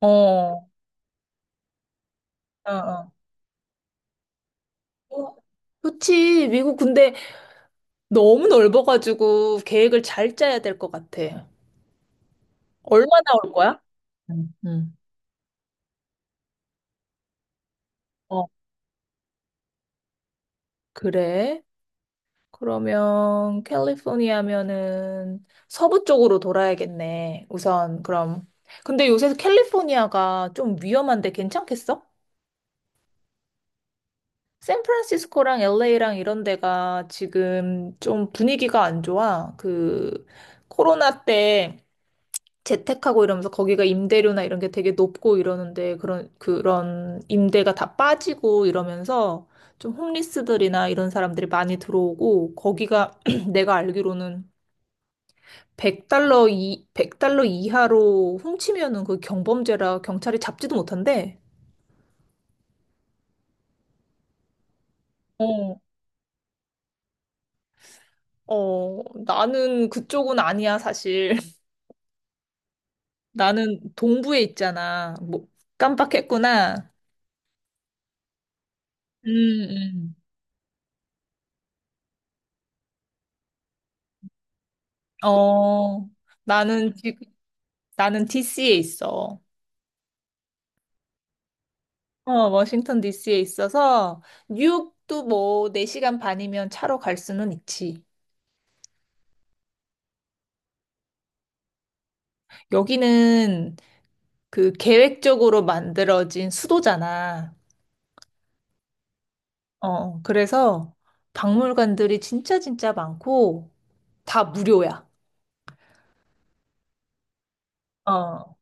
어, 어, 어. 어, 그치. 미국 근데 너무 넓어가지고 계획을 잘 짜야 될 것 같아. 얼마나 올 거야? 응, 응. 어, 그래. 그러면 캘리포니아면은 서부 쪽으로 돌아야겠네. 우선 그럼. 근데 요새 캘리포니아가 좀 위험한데 괜찮겠어? 샌프란시스코랑 LA랑 이런 데가 지금 좀 분위기가 안 좋아. 그 코로나 때 재택하고 이러면서 거기가 임대료나 이런 게 되게 높고 이러는데 그런 임대가 다 빠지고 이러면서 좀 홈리스들이나 이런 사람들이 많이 들어오고 거기가 내가 알기로는 100달러, 이 백 달러 이하로 훔치면은 그 경범죄라 경찰이 잡지도 못한대. 어, 어, 나는 그쪽은 아니야, 사실. 나는 동부에 있잖아. 뭐 깜빡했구나. 음, 음. 어. 나는 지, 나는 DC에 있어. 어, 워싱턴 DC에 있어서 뉴욕도 뭐 4시간 반이면 차로 갈 수는 있지. 여기는 그 계획적으로 만들어진 수도잖아. 어, 그래서 박물관들이 진짜 진짜 많고 다 무료야. 어,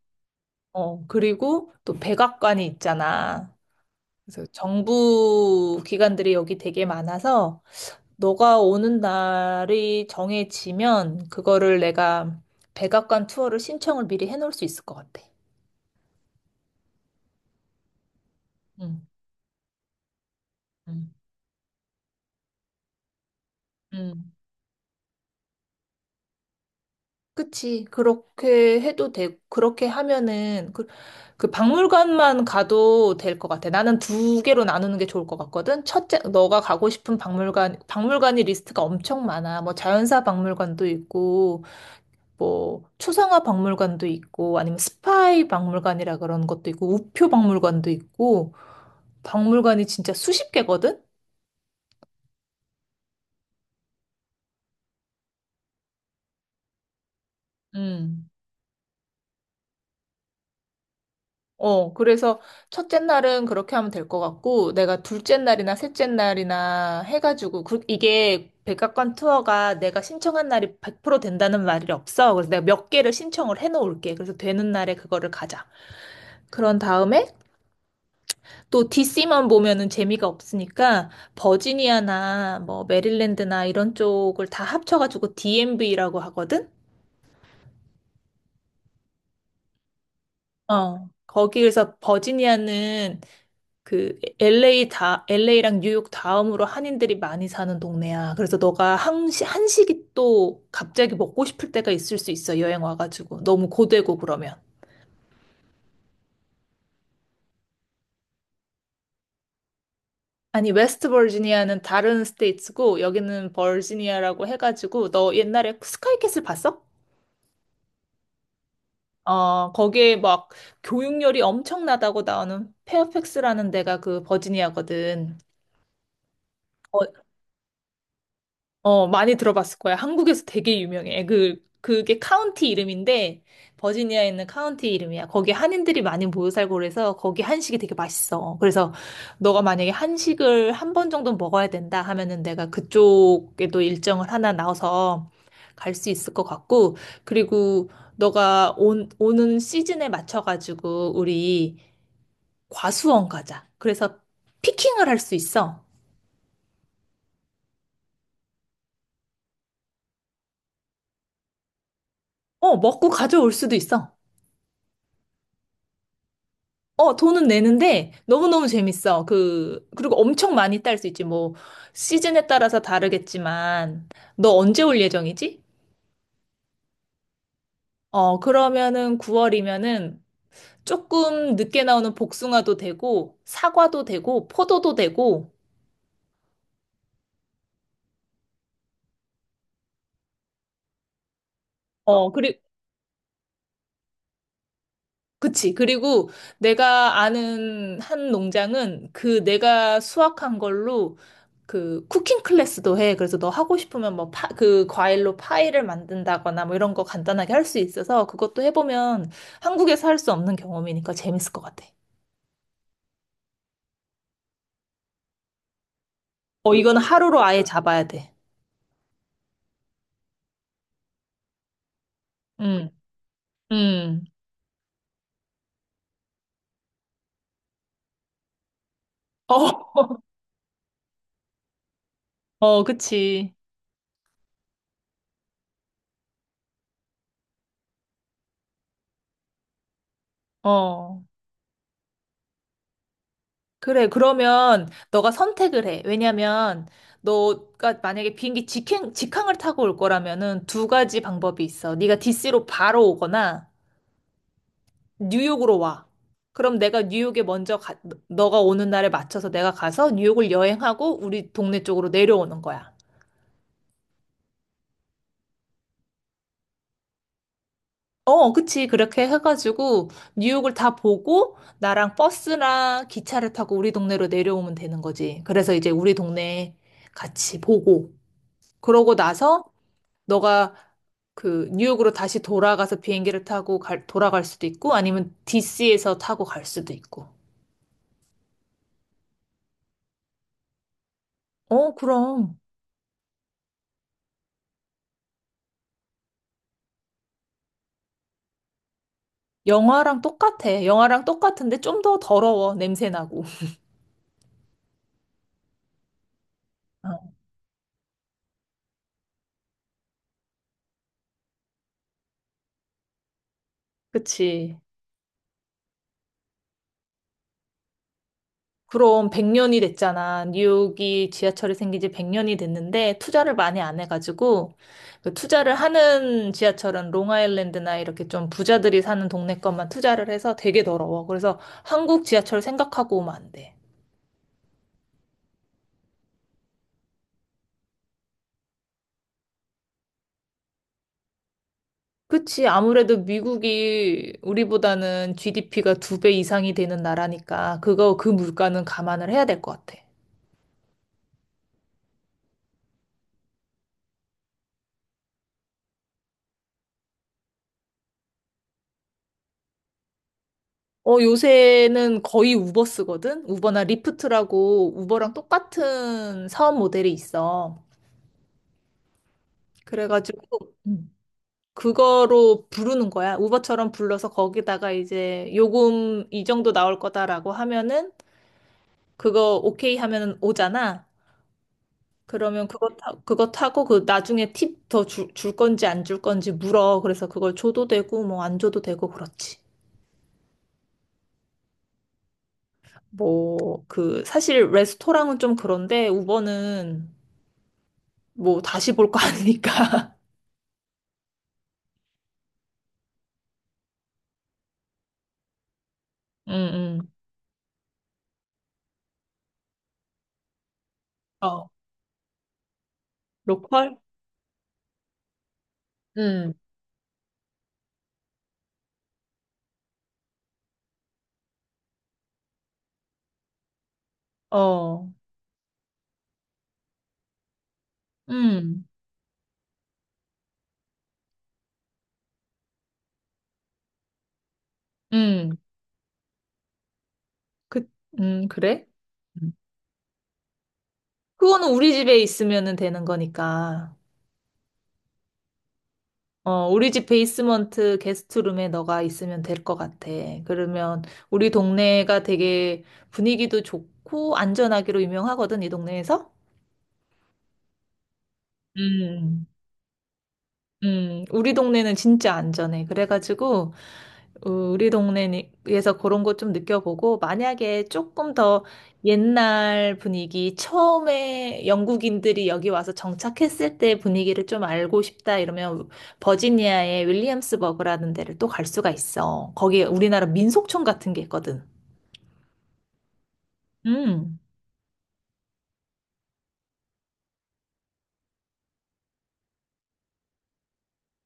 어, 그리고 또 백악관이 있잖아. 그래서 정부 기관들이 여기 되게 많아서 너가 오는 날이 정해지면 그거를 내가 백악관 투어를 신청을 미리 해놓을 수 있을 것 같아. 응, 응, 응. 그치. 그렇게 해도 되고, 그렇게 하면은 그 박물관만 가도 될 것 같아. 나는 두 개로 나누는 게 좋을 것 같거든. 첫째, 너가 가고 싶은 박물관이 리스트가 엄청 많아. 뭐 자연사 박물관도 있고, 뭐 초상화 박물관도 있고, 아니면 스파이 박물관이라 그런 것도 있고, 우표 박물관도 있고, 박물관이 진짜 수십 개거든? 음. 어, 그래서 첫째 날은 그렇게 하면 될 것 같고, 내가 둘째 날이나 셋째 날이나 해가지고, 이게 백악관 투어가 내가 신청한 날이 100% 된다는 말이 없어. 그래서 내가 몇 개를 신청을 해놓을게. 그래서 되는 날에 그거를 가자. 그런 다음에 또 DC만 보면은 재미가 없으니까 버지니아나 뭐 메릴랜드나 이런 쪽을 다 합쳐가지고 DMV라고 하거든? 어. 거기에서 버지니아는 그 LA 다 LA랑 뉴욕 다음으로 한인들이 많이 사는 동네야. 그래서 너가 한시 한식이 또 갑자기 먹고 싶을 때가 있을 수 있어. 여행 와가지고 너무 고되고 그러면. 아니 웨스트 버지니아는 다른 스테이츠고 여기는 버지니아라고 해가지고 너 옛날에 스카이캐슬 봤어? 어, 거기에 막 교육열이 엄청나다고 나오는 페어팩스라는 데가 그 버지니아거든. 어, 많이 들어봤을 거야. 한국에서 되게 유명해. 그게 카운티 이름인데, 버지니아에 있는 카운티 이름이야. 거기 한인들이 많이 모여 살고 그래서 거기 한식이 되게 맛있어. 그래서 너가 만약에 한식을 한 번 정도 먹어야 된다 하면은 내가 그쪽에도 일정을 하나 나와서 갈 수 있을 것 같고, 그리고 너가 오는 시즌에 맞춰가지고 우리 과수원 가자. 그래서 피킹을 할 수 있어. 어, 먹고 가져올 수도 있어. 어, 돈은 내는데 너무너무 재밌어. 그리고 엄청 많이 딸 수 있지. 뭐, 시즌에 따라서 다르겠지만, 너 언제 올 예정이지? 어, 그러면은 9월이면은 조금 늦게 나오는 복숭아도 되고, 사과도 되고, 포도도 되고, 어, 그치. 그리고 내가 아는 한 농장은 그 내가 수확한 걸로 그 쿠킹 클래스도 해. 그래서 너 하고 싶으면 뭐 그 과일로 파이를 만든다거나 뭐 이런 거 간단하게 할 수 있어서 그것도 해보면 한국에서 할 수 없는 경험이니까 재밌을 것 같아. 어, 이거는 하루로 아예 잡아야 돼. 응, 응. 어, 어, 그치. 어. 그래, 그러면 너가 선택을 해. 왜냐면 너가 만약에 비행기 직항을 타고 올 거라면은 두 가지 방법이 있어. 네가 DC로 바로 오거나 뉴욕으로 와. 그럼 내가 뉴욕에 먼저 가, 너가 오는 날에 맞춰서 내가 가서 뉴욕을 여행하고 우리 동네 쪽으로 내려오는 거야. 어, 그치. 그렇게 해가지고 뉴욕을 다 보고 나랑 버스나 기차를 타고 우리 동네로 내려오면 되는 거지. 그래서 이제 우리 동네 같이 보고 그러고 나서 너가 그 뉴욕으로 다시 돌아가서 비행기를 타고 돌아갈 수도 있고 아니면 DC에서 타고 갈 수도 있고. 어, 그럼. 영화랑 똑같아. 영화랑 똑같은데 좀 더 더러워. 냄새 나고. 어, 그치. 그럼 100년이 됐잖아. 뉴욕이 지하철이 생긴 지 100년이 됐는데 투자를 많이 안 해가지고 그 투자를 하는 지하철은 롱아일랜드나 이렇게 좀 부자들이 사는 동네 것만 투자를 해서 되게 더러워. 그래서 한국 지하철 생각하고 오면 안 돼. 그치. 아무래도 미국이 우리보다는 GDP가 두 배 이상이 되는 나라니까 그거 그 물가는 감안을 해야 될 것 같아. 어, 요새는 거의 우버 쓰거든? 우버나 리프트라고 우버랑 똑같은 사업 모델이 있어. 그래가지고, 그거로 부르는 거야. 우버처럼 불러서 거기다가 이제 요금 이 정도 나올 거다라고 하면은 그거 오케이 하면은 오잖아. 그러면 그거 타고 그 나중에 팁 더 줄 건지 안 줄 건지 물어. 그래서 그걸 줘도 되고 뭐 안 줘도 되고 그렇지. 뭐 그 사실 레스토랑은 좀 그런데 우버는 뭐 다시 볼 거 아니니까. 응, 응. 어. 로컬? 응. 어. 응. 응. 그, 응, 그래? 음. 그거는 우리 집에 있으면 되는 거니까. 어, 우리 집 베이스먼트 게스트룸에 너가 있으면 될 것 같아. 그러면 우리 동네가 되게 분위기도 좋고 안전하기로 유명하거든, 이 동네에서. 음. 우리 동네는 진짜 안전해. 그래가지고, 어, 우리 동네에서 그런 거 좀 느껴보고, 만약에 조금 더 옛날 분위기, 처음에 영국인들이 여기 와서 정착했을 때 분위기를 좀 알고 싶다 이러면 버지니아의 윌리엄스버그라는 데를 또 갈 수가 있어. 거기에 우리나라 민속촌 같은 게 있거든. 음.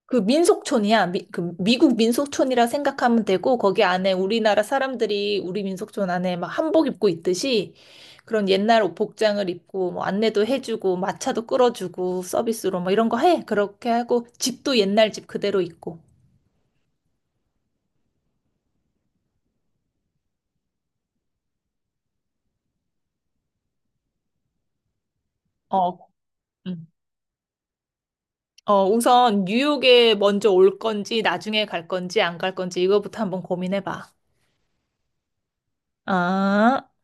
그 민속촌이야. 그 미국 민속촌이라 생각하면 되고 거기 안에 우리나라 사람들이 우리 민속촌 안에 막 한복 입고 있듯이 그런 옛날 옷 복장을 입고 뭐 안내도 해주고 마차도 끌어주고 서비스로 뭐 이런 거 해. 그렇게 하고 집도 옛날 집 그대로 있고. 어. 음. 어, 우선 뉴욕에 먼저 올 건지 나중에 갈 건지 안 갈 건지 이거부터 한번 고민해 봐. 아.